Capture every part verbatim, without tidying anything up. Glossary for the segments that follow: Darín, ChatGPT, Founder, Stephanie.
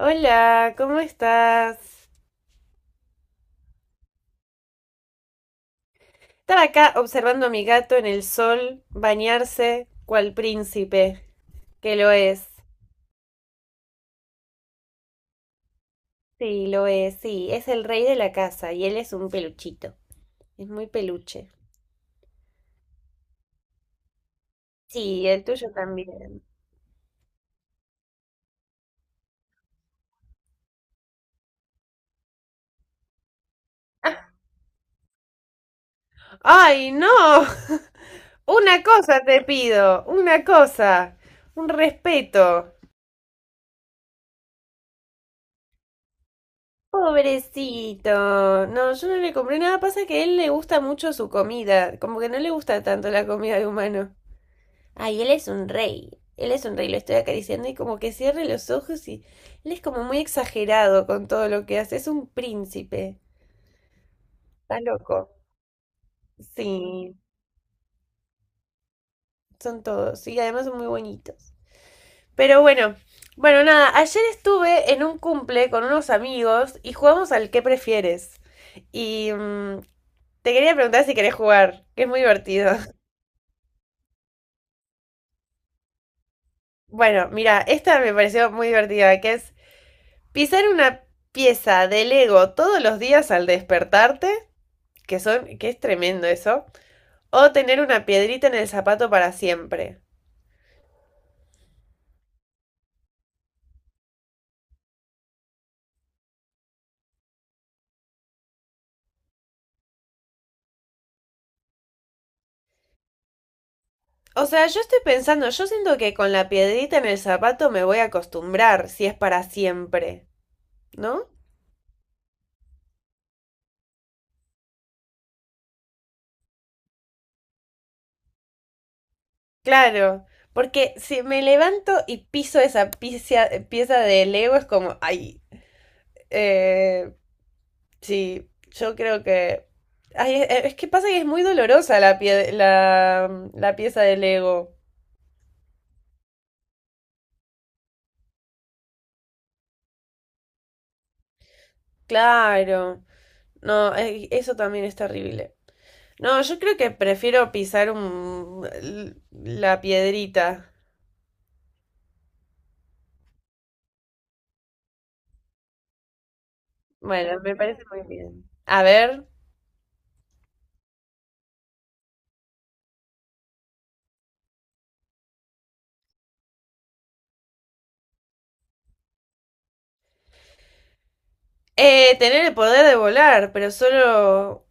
Hola, ¿cómo estás? Estaba acá observando a mi gato en el sol bañarse cual príncipe, que lo es. Sí, lo es, sí, es el rey de la casa y él es un peluchito, es muy peluche. Sí, el tuyo también. ¡Ay, no! Una cosa te pido, una cosa, un respeto. Pobrecito. No, yo no le compré nada. Pasa que a él le gusta mucho su comida. Como que no le gusta tanto la comida de humano. Ay, él es un rey. Él es un rey, lo estoy acariciando y como que cierre los ojos y él es como muy exagerado con todo lo que hace. Es un príncipe. Está loco. Sí, son todos. Y además son muy bonitos. Pero bueno, bueno, nada, ayer estuve en un cumple con unos amigos y jugamos al qué prefieres. Y mm, Te quería preguntar si querés jugar, que es muy divertido. Bueno, mira, esta me pareció muy divertida, que es pisar una pieza de Lego todos los días al despertarte, que son, que es tremendo eso, o tener una piedrita en el zapato para siempre. O sea, yo estoy pensando, yo siento que con la piedrita en el zapato me voy a acostumbrar si es para siempre, ¿no? Claro, porque si me levanto y piso esa pieza, pieza de Lego es como, ay, eh, sí, yo creo que... Ay, es, es que pasa que es muy dolorosa la, pie- la, la pieza de Lego. Claro, no, eh, eso también es terrible. No, yo creo que prefiero pisar un, l- la piedrita. Bueno, me parece muy bien. A ver, eh, tener el poder de volar, pero solo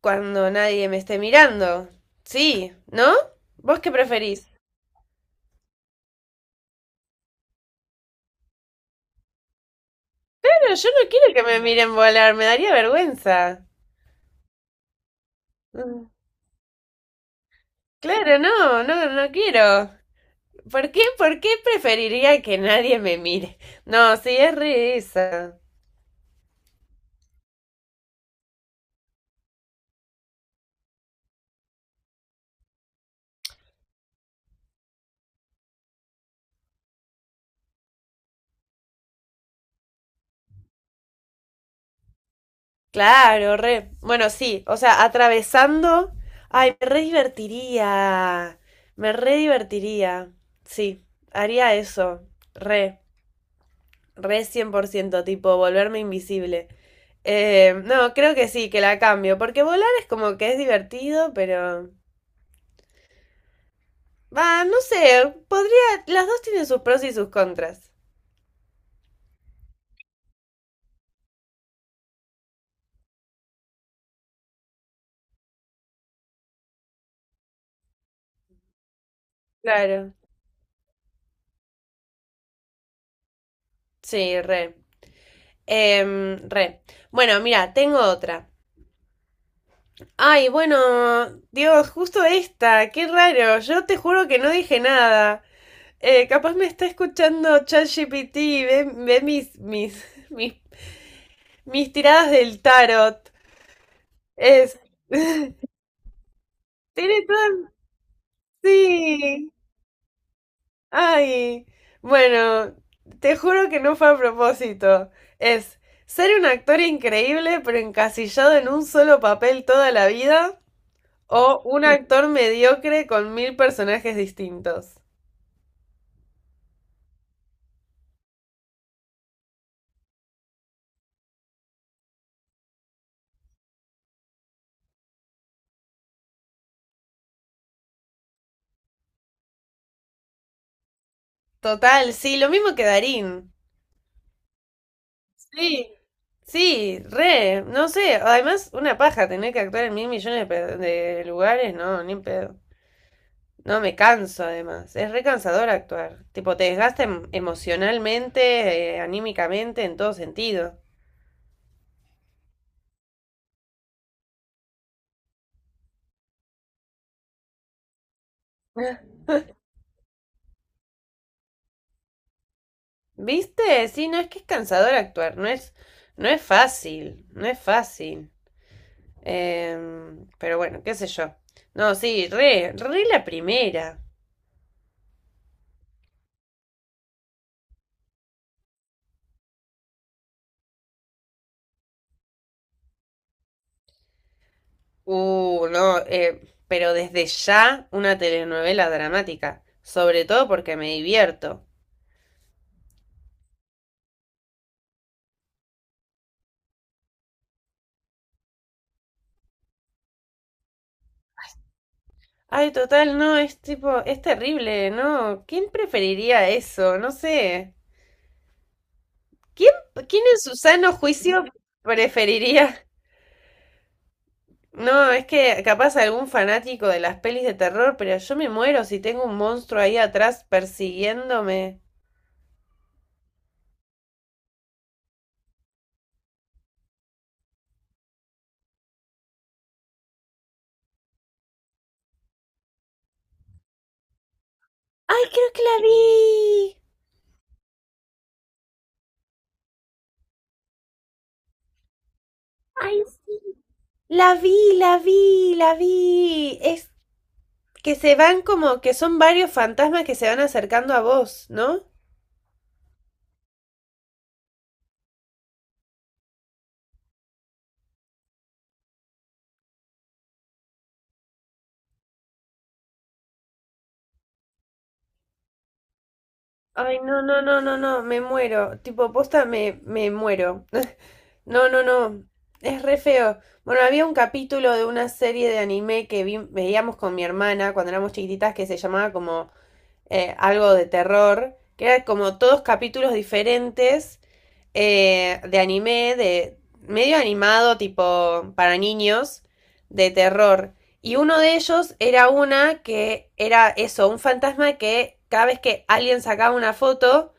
cuando nadie me esté mirando. Sí, ¿no? ¿Vos qué preferís? Claro, yo no quiero que me miren volar, me daría vergüenza. Mm, Claro, no, no, no quiero. ¿Por qué, por qué preferiría que nadie me mire? No, sí, es re esa. Claro, re. Bueno, sí, o sea, atravesando. Ay, me re divertiría. Me re divertiría. Sí, haría eso. Re, re cien por ciento, tipo, volverme invisible. Eh, no, creo que sí, que la cambio, porque volar es como que es divertido, pero... Va, no sé, podría... Las dos tienen sus pros y sus contras. Claro, sí, re. Em, re. Bueno, mira, tengo otra. Ay, bueno, Dios, justo esta, qué raro, yo te juro que no dije nada. Eh, capaz me está escuchando ChatGPT y ve, ve mis, mis, mis, mis tiradas del tarot. Es. Tiene todo. Sí. Ay. Bueno, te juro que no fue a propósito. Es ser un actor increíble pero encasillado en un solo papel toda la vida o un actor mediocre con mil personajes distintos. Total, sí, lo mismo que Darín. Sí. Sí, re, no sé, además una paja tener que actuar en mil millones de, pe- de lugares, no, ni en pedo. No, me canso además, es re cansador actuar, tipo te desgasta em- emocionalmente, eh, anímicamente, en todo sentido. ¿Viste? Sí, no es que es cansador actuar, no es, no es fácil, no es fácil. Em, pero bueno, qué sé yo. No, sí, re, re la primera. Uh, no, eh, pero desde ya una telenovela dramática, sobre todo porque me divierto. Ay, total, no, es tipo, es terrible, ¿no? ¿Quién preferiría eso? No sé. ¿Quién, quién en su sano juicio preferiría? No, es que capaz algún fanático de las pelis de terror, pero yo me muero si tengo un monstruo ahí atrás persiguiéndome. Ay, creo que la vi. Ay, sí. La vi, la vi, la vi. Es que se van como, que son varios fantasmas que se van acercando a vos, ¿no? Ay, no, no, no, no, no, me muero. Tipo, posta, me, me muero. No, no, no. Es re feo. Bueno, había un capítulo de una serie de anime que vi- veíamos con mi hermana cuando éramos chiquititas que se llamaba como eh, algo de terror, que eran como todos capítulos diferentes, eh, de anime, de medio animado, tipo para niños, de terror. Y uno de ellos era una que era eso, un fantasma que cada vez que alguien sacaba una foto,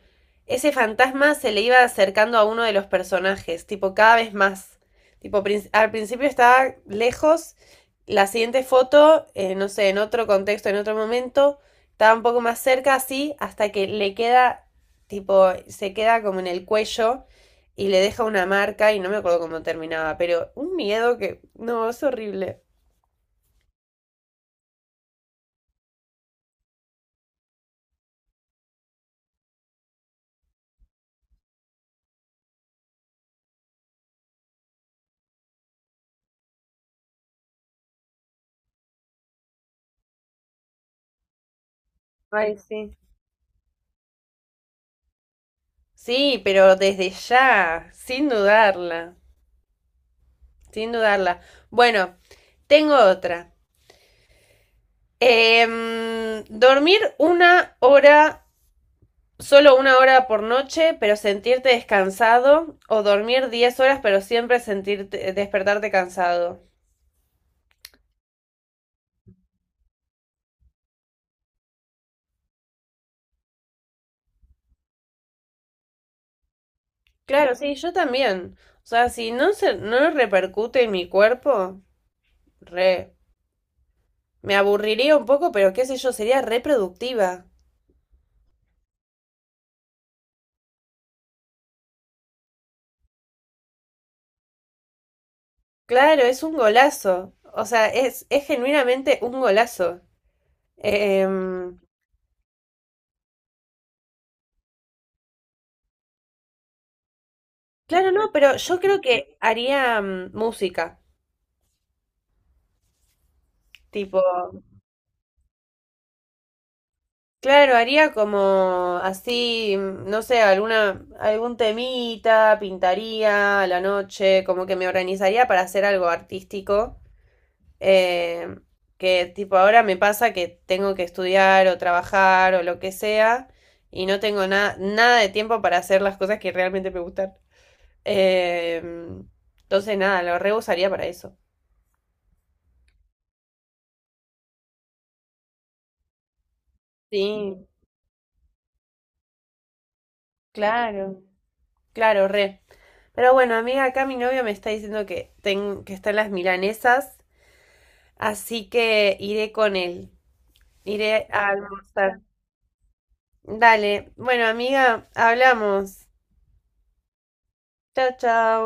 ese fantasma se le iba acercando a uno de los personajes, tipo cada vez más. Tipo, al principio estaba lejos, la siguiente foto, eh, no sé, en otro contexto, en otro momento, estaba un poco más cerca así hasta que le queda, tipo, se queda como en el cuello y le deja una marca y no me acuerdo cómo terminaba, pero un miedo que, no, es horrible. Ay, sí. Sí, pero desde ya, sin dudarla, sin dudarla. Bueno, tengo otra. Em, dormir una hora, solo una hora por noche, pero sentirte descansado, o dormir diez horas, pero siempre sentirte, despertarte cansado. Claro, sí, yo también. O sea, si no se, no repercute en mi cuerpo, re. Me aburriría un poco, pero qué sé yo, sería reproductiva. Claro, es un golazo. O sea, es, es genuinamente un golazo. Em, claro, no, pero yo creo que haría mm, música. Tipo, claro, haría como así, mm, no sé, alguna, algún temita, pintaría a la noche, como que me organizaría para hacer algo artístico. Eh, que tipo ahora me pasa que tengo que estudiar o trabajar o lo que sea y no tengo nada nada de tiempo para hacer las cosas que realmente me gustan. Eh, entonces nada, lo re usaría para eso. Sí, claro, claro, re. Pero bueno, amiga, acá mi novio me está diciendo que, ten- que están las milanesas, así que iré con él. Iré a almorzar. Dale. Bueno, amiga, hablamos. Chao, chao.